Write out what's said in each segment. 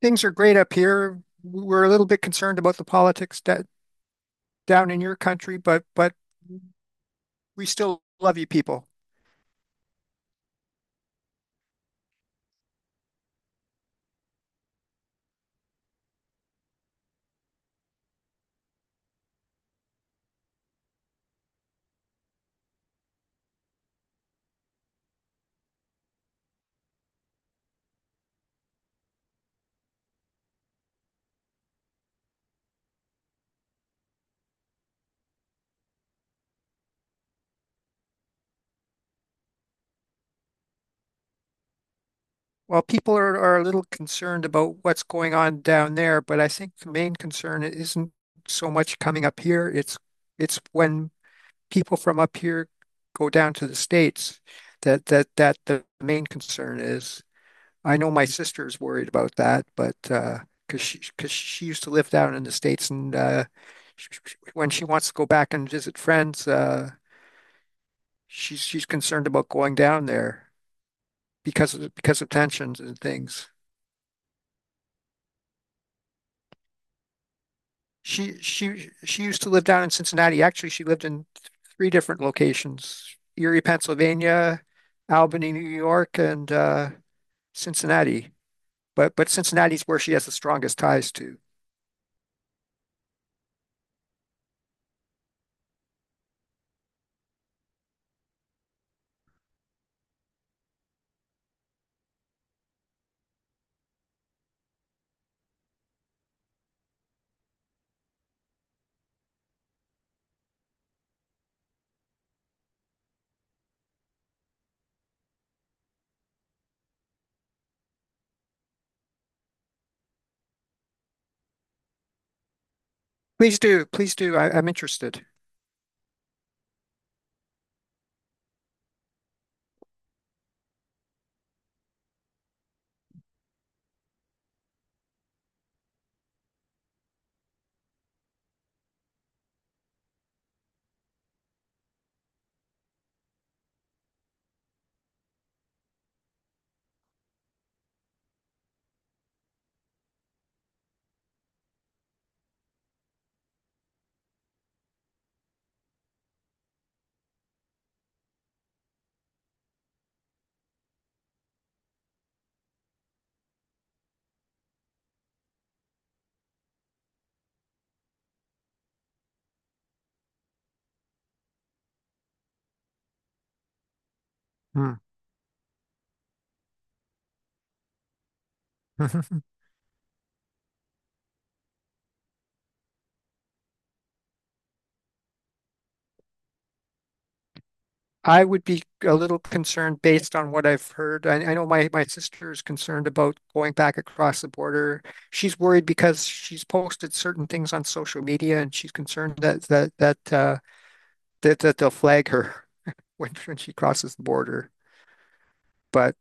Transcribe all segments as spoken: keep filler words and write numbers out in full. Things are great up here. We're a little bit concerned about the politics da- down in your country, but but we still love you people. Well, people are, are a little concerned about what's going on down there, but I think the main concern isn't so much coming up here. It's it's when people from up here go down to the States that that that the main concern is. I know my sister is worried about that, but uh, because she because she used to live down in the States, and uh, sh sh- when she wants to go back and visit friends, uh, she's she's concerned about going down there because of because of tensions and things. She she she used to live down in Cincinnati. Actually, she lived in three different locations: Erie, Pennsylvania, Albany, New York, and uh, Cincinnati. But but Cincinnati's where she has the strongest ties to. Please do, please do. I, I'm interested. Hmm. Mhm. I would be a little concerned based on what I've heard. I, I know my, my sister is concerned about going back across the border. She's worried because she's posted certain things on social media and she's concerned that that that uh, that, that they'll flag her when, when she crosses the border. But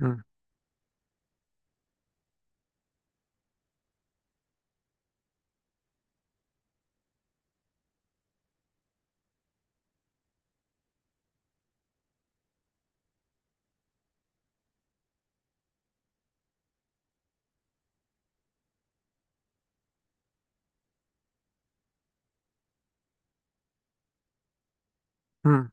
hmm, hmm.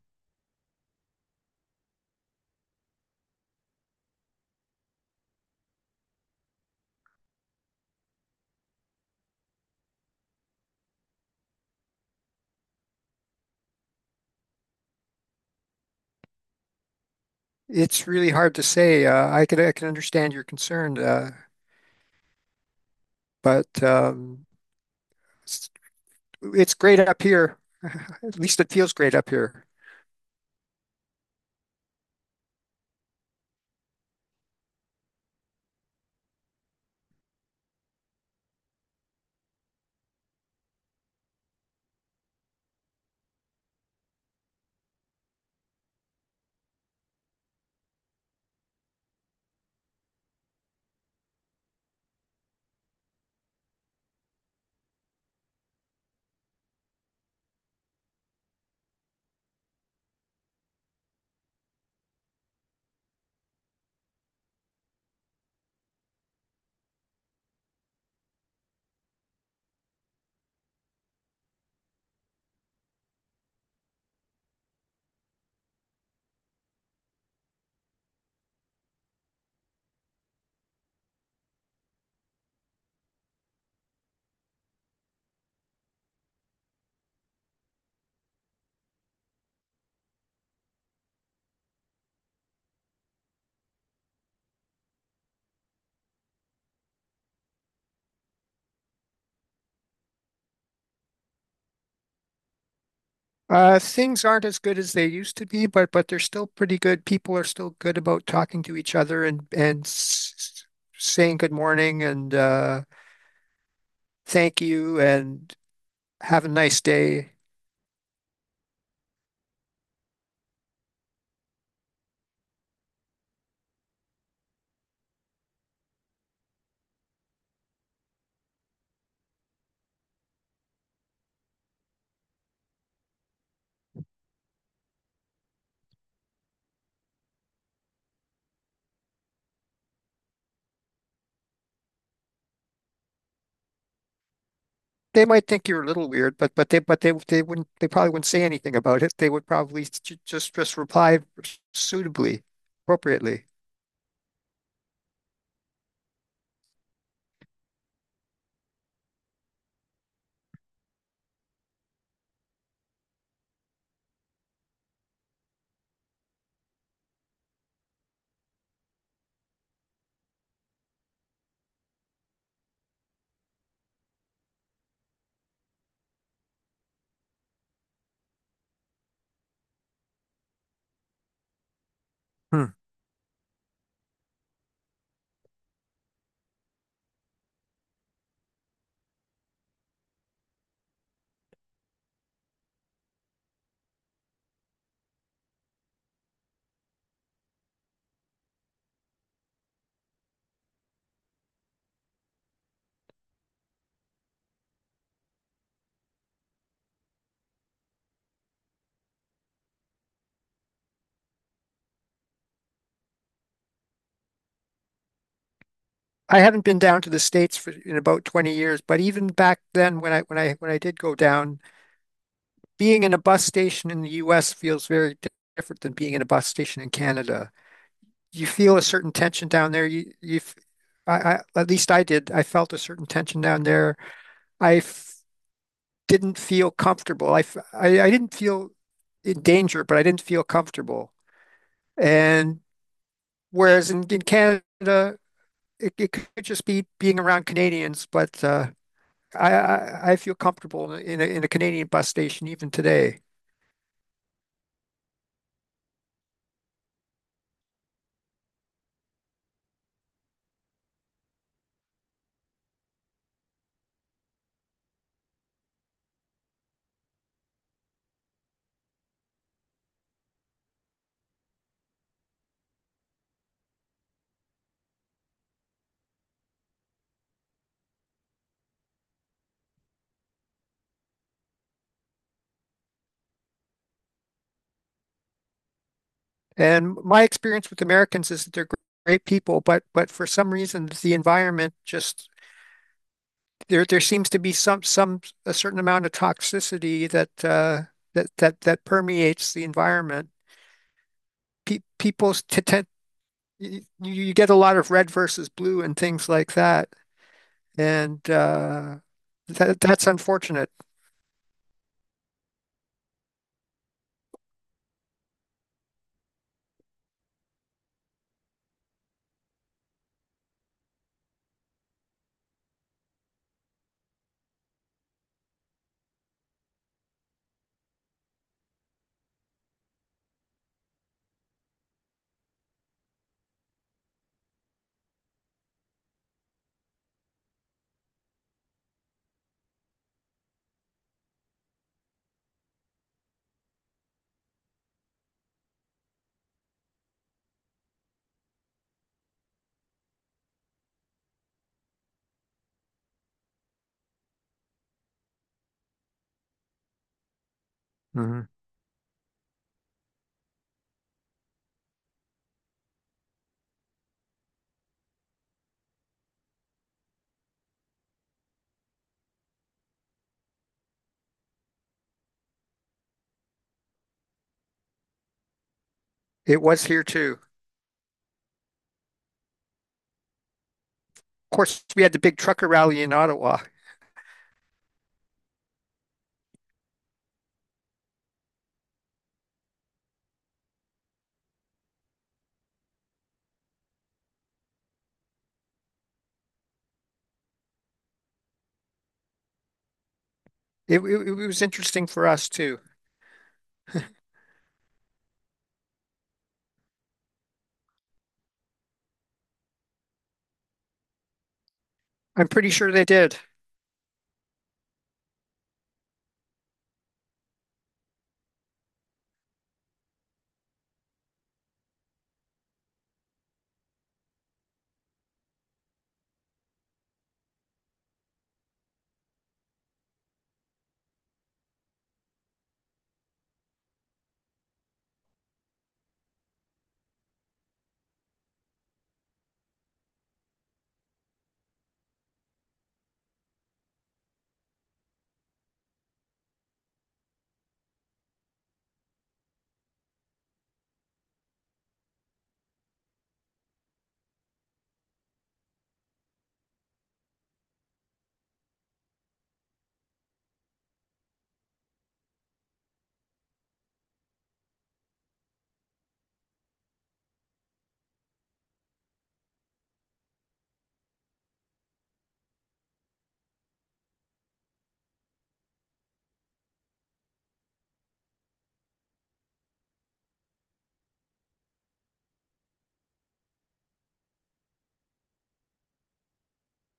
It's really hard to say. Uh, I can I can understand your concern, uh, but um, it's, it's great up here. At least it feels great up here. Uh, things aren't as good as they used to be, but but they're still pretty good. People are still good about talking to each other and and s- saying good morning and uh, thank you and have a nice day. They might think you're a little weird, but but they but they they wouldn't they probably wouldn't say anything about it. They would probably j- just just reply suitably, appropriately. Hmm. I haven't been down to the States for in about twenty years, but even back then when I when I when I did go down. Being in a bus station in the U S feels very di- different than being in a bus station in Canada. You feel a certain tension down there. You, you, f- I, I, at least I did. I felt a certain tension down there. I f didn't feel comfortable. I, f- I, I didn't feel in danger, but I didn't feel comfortable. And whereas in, in Canada, it, it could just be being around Canadians, but uh, I, I, I feel comfortable in a, in a Canadian bus station even today. And my experience with Americans is that they're great people, but but for some reason the environment just there there seems to be some some a certain amount of toxicity that uh, that that that permeates the environment. Pe People t tend you, you get a lot of red versus blue and things like that, and uh, that that's unfortunate. Mhm. It was here too. Of course, we had the big trucker rally in Ottawa. It, it, it was interesting for us too. I'm pretty sure they did.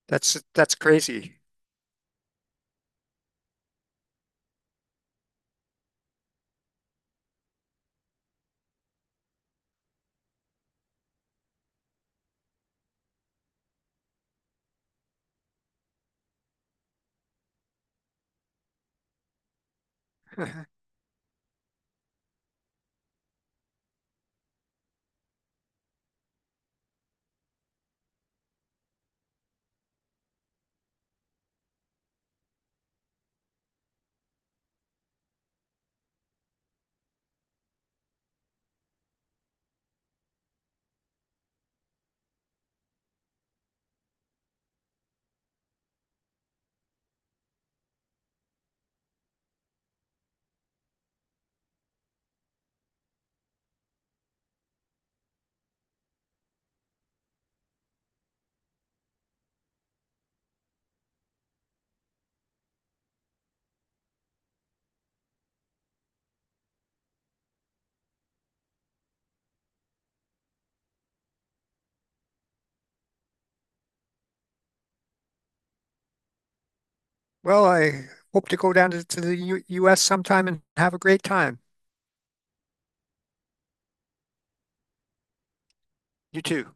That's that's crazy. Well, I hope to go down to, to the U US sometime and have a great time. You too.